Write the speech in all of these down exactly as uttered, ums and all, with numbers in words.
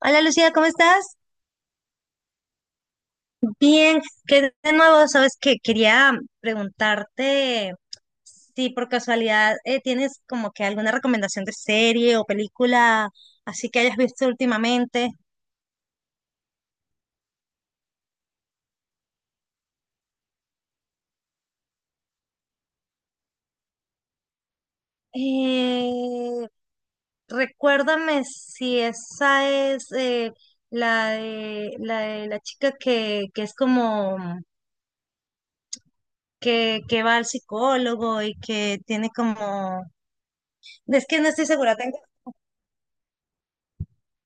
Hola Lucía, ¿cómo estás? Bien, que de nuevo, sabes que quería preguntarte si por casualidad eh, tienes como que alguna recomendación de serie o película así que hayas visto últimamente. Eh, recuérdame si esa es eh, la de, la de la chica que, que es como que, que va al psicólogo y que tiene como... Es que no estoy segura, tengo.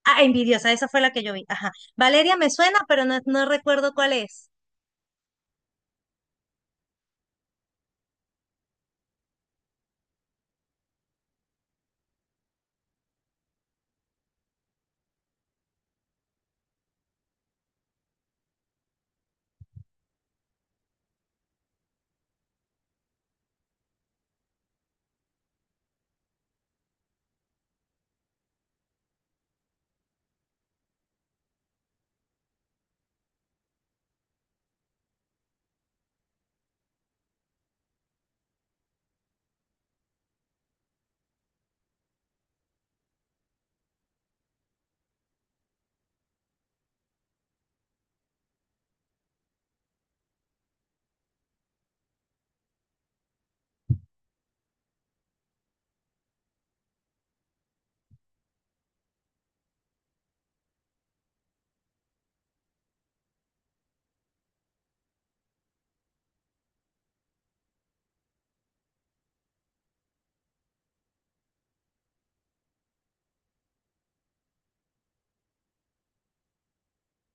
Ah, envidiosa, esa fue la que yo vi. Ajá. Valeria me suena, pero no, no recuerdo cuál es.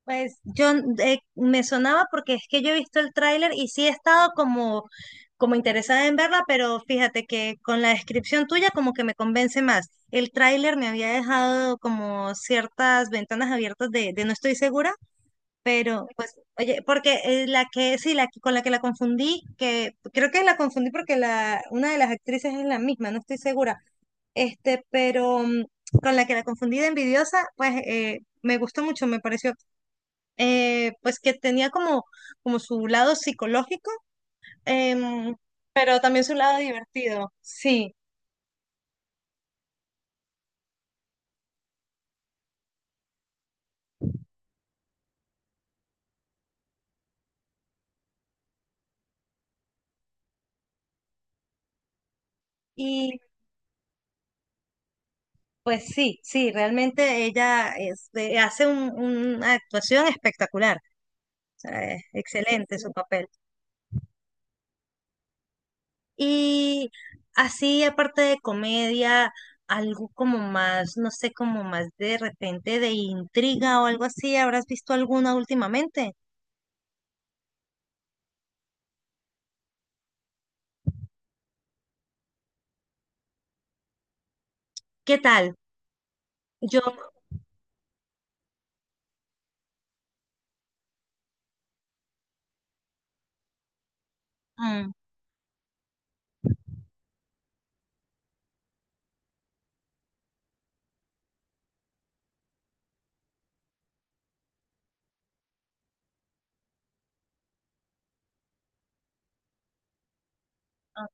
Pues yo eh, me sonaba porque es que yo he visto el tráiler y sí he estado como, como interesada en verla, pero fíjate que con la descripción tuya como que me convence más. El tráiler me había dejado como ciertas ventanas abiertas de, de no estoy segura, pero pues, oye, porque eh, la que, sí, la que- con la que la confundí, que creo que la confundí porque la, una de las actrices es la misma, no estoy segura este, pero mm, con la que la confundí de envidiosa, pues eh, me gustó mucho, me pareció, eh, pues que tenía como, como su lado psicológico, em, pero también su lado divertido, sí. Y pues sí, sí, realmente ella es- eh, hace un- una actuación espectacular, o sea, es excelente su papel. Y así, aparte de comedia, algo como más, no sé, como más de repente de intriga o algo así, ¿habrás visto alguna últimamente? ¿Qué tal? Yo, mm, ah,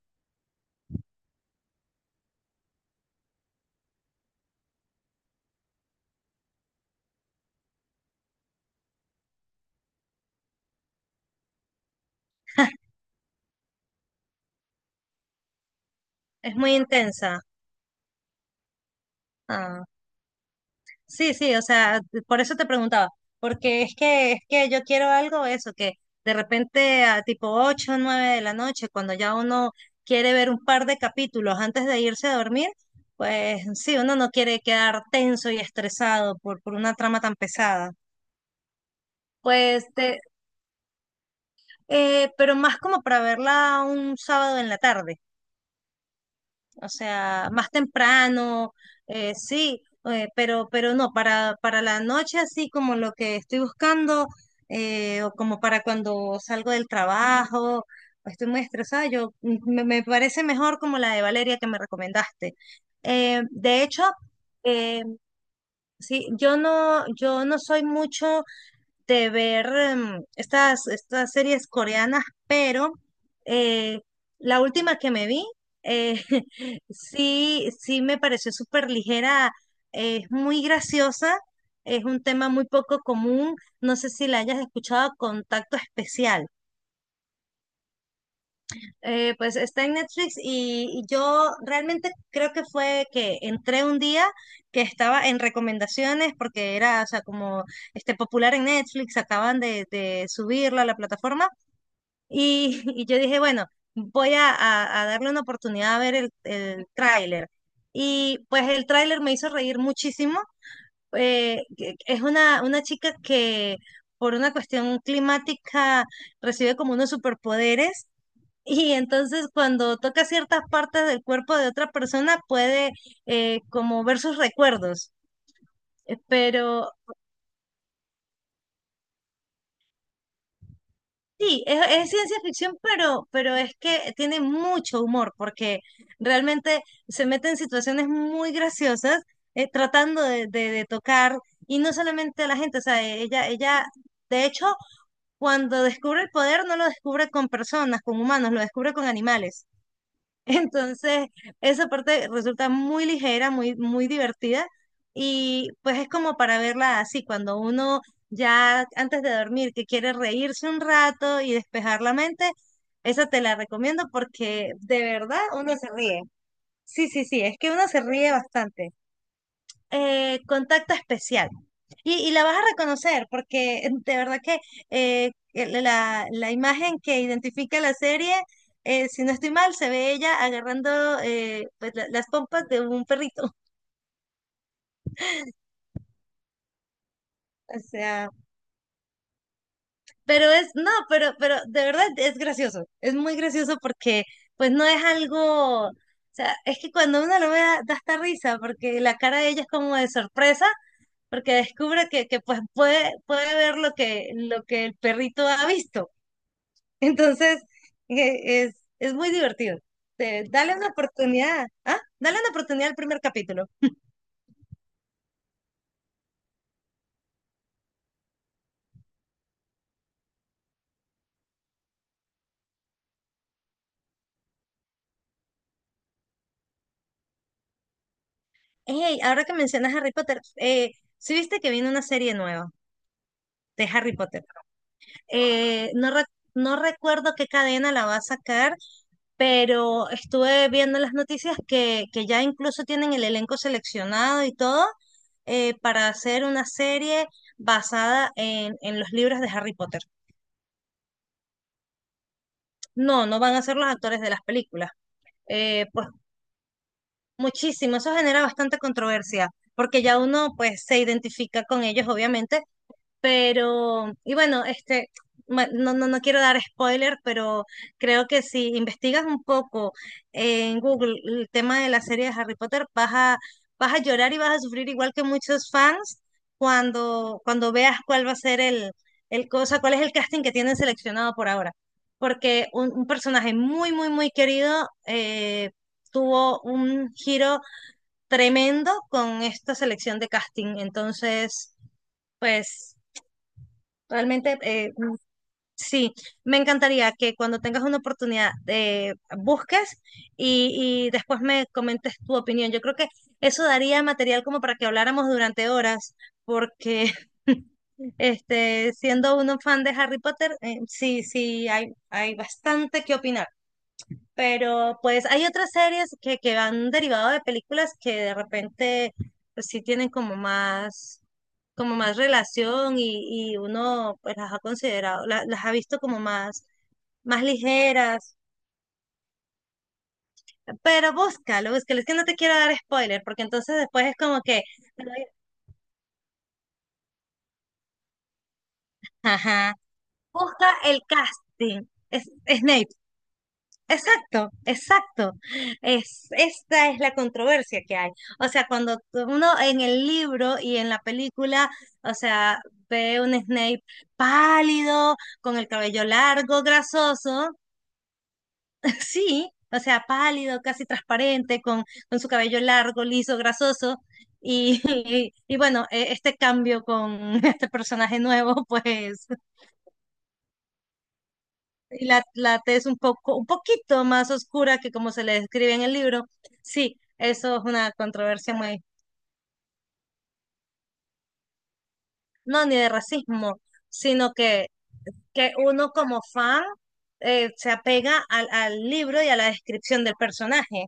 es muy intensa. Ah. Sí, sí, o sea, por eso te preguntaba, porque es que es que yo quiero algo eso, que de repente a tipo ocho o nueve de la noche, cuando ya uno quiere ver un par de capítulos antes de irse a dormir, pues sí, uno no quiere quedar tenso y estresado por, por una trama tan pesada. Pues, te- eh, pero más como para verla un sábado en la tarde. O sea, más temprano, eh, sí, eh, pero, pero no, para, para la noche así como lo que estoy buscando, eh, o como para cuando salgo del trabajo, o estoy muy estresada, yo m- me, me parece mejor como la de Valeria que me recomendaste. Eh, de hecho, eh, sí, yo no, yo no soy mucho de ver em, estas, estas series coreanas, pero eh, la última que me vi, eh, sí, sí me pareció súper ligera, es muy graciosa, es un tema muy poco común, no sé si la hayas escuchado, Contacto Especial. Eh, pues está en Netflix y, y yo realmente creo que fue que entré un día que estaba en recomendaciones porque era, o sea, como este popular en Netflix, acaban de, de subirlo a la plataforma y, y yo dije, bueno, voy a, a- a darle una oportunidad a ver el, el tráiler. Y pues el tráiler me hizo reír muchísimo. Eh, que- es una, una chica que por una cuestión climática recibe como unos superpoderes y entonces cuando toca ciertas partes del cuerpo de otra persona puede eh, como ver sus recuerdos. Eh, Pero sí, es, es ciencia ficción, pero, pero es que tiene mucho humor porque realmente se mete en situaciones muy graciosas eh, tratando de, de- de tocar y no solamente a la gente, o sea, ella, ella, de hecho, cuando descubre el poder no lo descubre con personas, con humanos, lo descubre con animales. Entonces, esa parte resulta muy ligera, muy, muy divertida y pues es como para verla así, cuando uno ya antes de dormir que quiere reírse un rato y despejar la mente, esa te la recomiendo porque de verdad uno se ríe. Sí, sí, sí, es que uno se ríe bastante. eh, contacto especial. Y, y la vas a reconocer porque eh, de verdad que eh, el- la, la imagen que identifica la serie, eh, si no estoy mal, se ve ella agarrando eh, pues, la- las pompas de un perrito. O sea, pero es, no, pero, pero de verdad es gracioso. Es muy gracioso porque pues no es algo, o sea, es que cuando uno lo ve da da hasta risa porque la cara de ella es como de sorpresa porque descubre que, que pues puede, puede ver lo que, lo que el perrito ha visto. Entonces, eh, es, es muy divertido. Te- dale una oportunidad. Ah, dale una oportunidad al primer capítulo. Hey, ahora que mencionas Harry Potter, eh, ¿sí viste que viene una serie nueva de Harry Potter? Eh, no, re- no recuerdo qué cadena la va a sacar, pero estuve viendo las noticias que, que ya incluso tienen el elenco seleccionado y todo eh, para hacer una serie basada en, en los libros de Harry Potter. No, no van a ser los actores de las películas. Eh, pues muchísimo, eso genera bastante controversia, porque ya uno pues se identifica con ellos, obviamente. Pero, y bueno, este, ma- no, no, no quiero dar spoiler, pero creo que si investigas un poco en Google el tema de la serie de Harry Potter, vas a, vas a llorar y vas a sufrir igual que muchos fans cuando, cuando veas cuál va a ser el, el cosa, cuál es el casting que tienen seleccionado por ahora. Porque un, un personaje muy, muy, muy querido eh, tuvo un giro tremendo con esta selección de casting. Entonces, pues realmente, eh, sí, me encantaría que cuando tengas una oportunidad eh, busques y, y después me comentes tu opinión. Yo creo que eso daría material como para que habláramos durante horas, porque este, siendo uno fan de Harry Potter, eh, sí, sí, hay, hay bastante que opinar. Pero pues hay otras series que, que han derivado de películas que de repente pues, sí tienen como más, como más relación y, y uno pues las ha considerado, la- las ha visto como más, más ligeras. Pero búscalo, búscalo. Es que no te quiero dar spoiler, porque entonces después es como que, ajá, busca el casting. Es, Snape. Exacto, exacto. Es, esta es la controversia que hay. O sea, cuando tú- uno en el libro y en la película, o sea, ve un Snape pálido, con el cabello largo, grasoso, sí, o sea, pálido, casi transparente, con, con su cabello largo, liso, grasoso. Y, y, bueno, e- este cambio con este personaje nuevo, pues. Y la, la T es un poco, un poquito más oscura que como se le describe en el libro. Sí, eso es una controversia muy, no ni de racismo, sino que, que uno como fan eh, se apega al, al libro y a la descripción del personaje.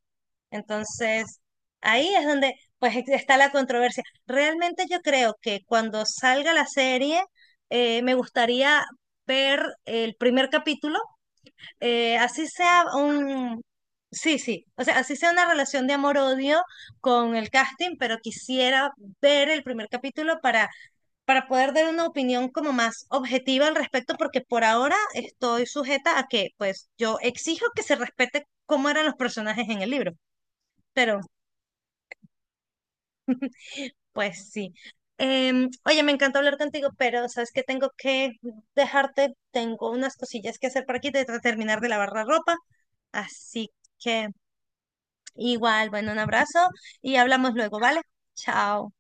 Entonces, ahí es donde pues ex- está la controversia. Realmente yo creo que cuando salga la serie, eh, me gustaría ver el primer capítulo eh, así sea un, sí, sí, o sea, así sea una relación de amor-odio con el casting, pero quisiera ver el primer capítulo para, para poder dar una opinión como más objetiva al respecto, porque por ahora estoy sujeta a que, pues, yo exijo que se respete cómo eran los personajes en el libro, pero pues sí. Em, oye, me encantó hablar contigo, pero sabes que tengo que dejarte, tengo unas cosillas que hacer por aquí, de terminar de lavar la ropa, así que igual, bueno, un abrazo y hablamos luego, ¿vale? Chao.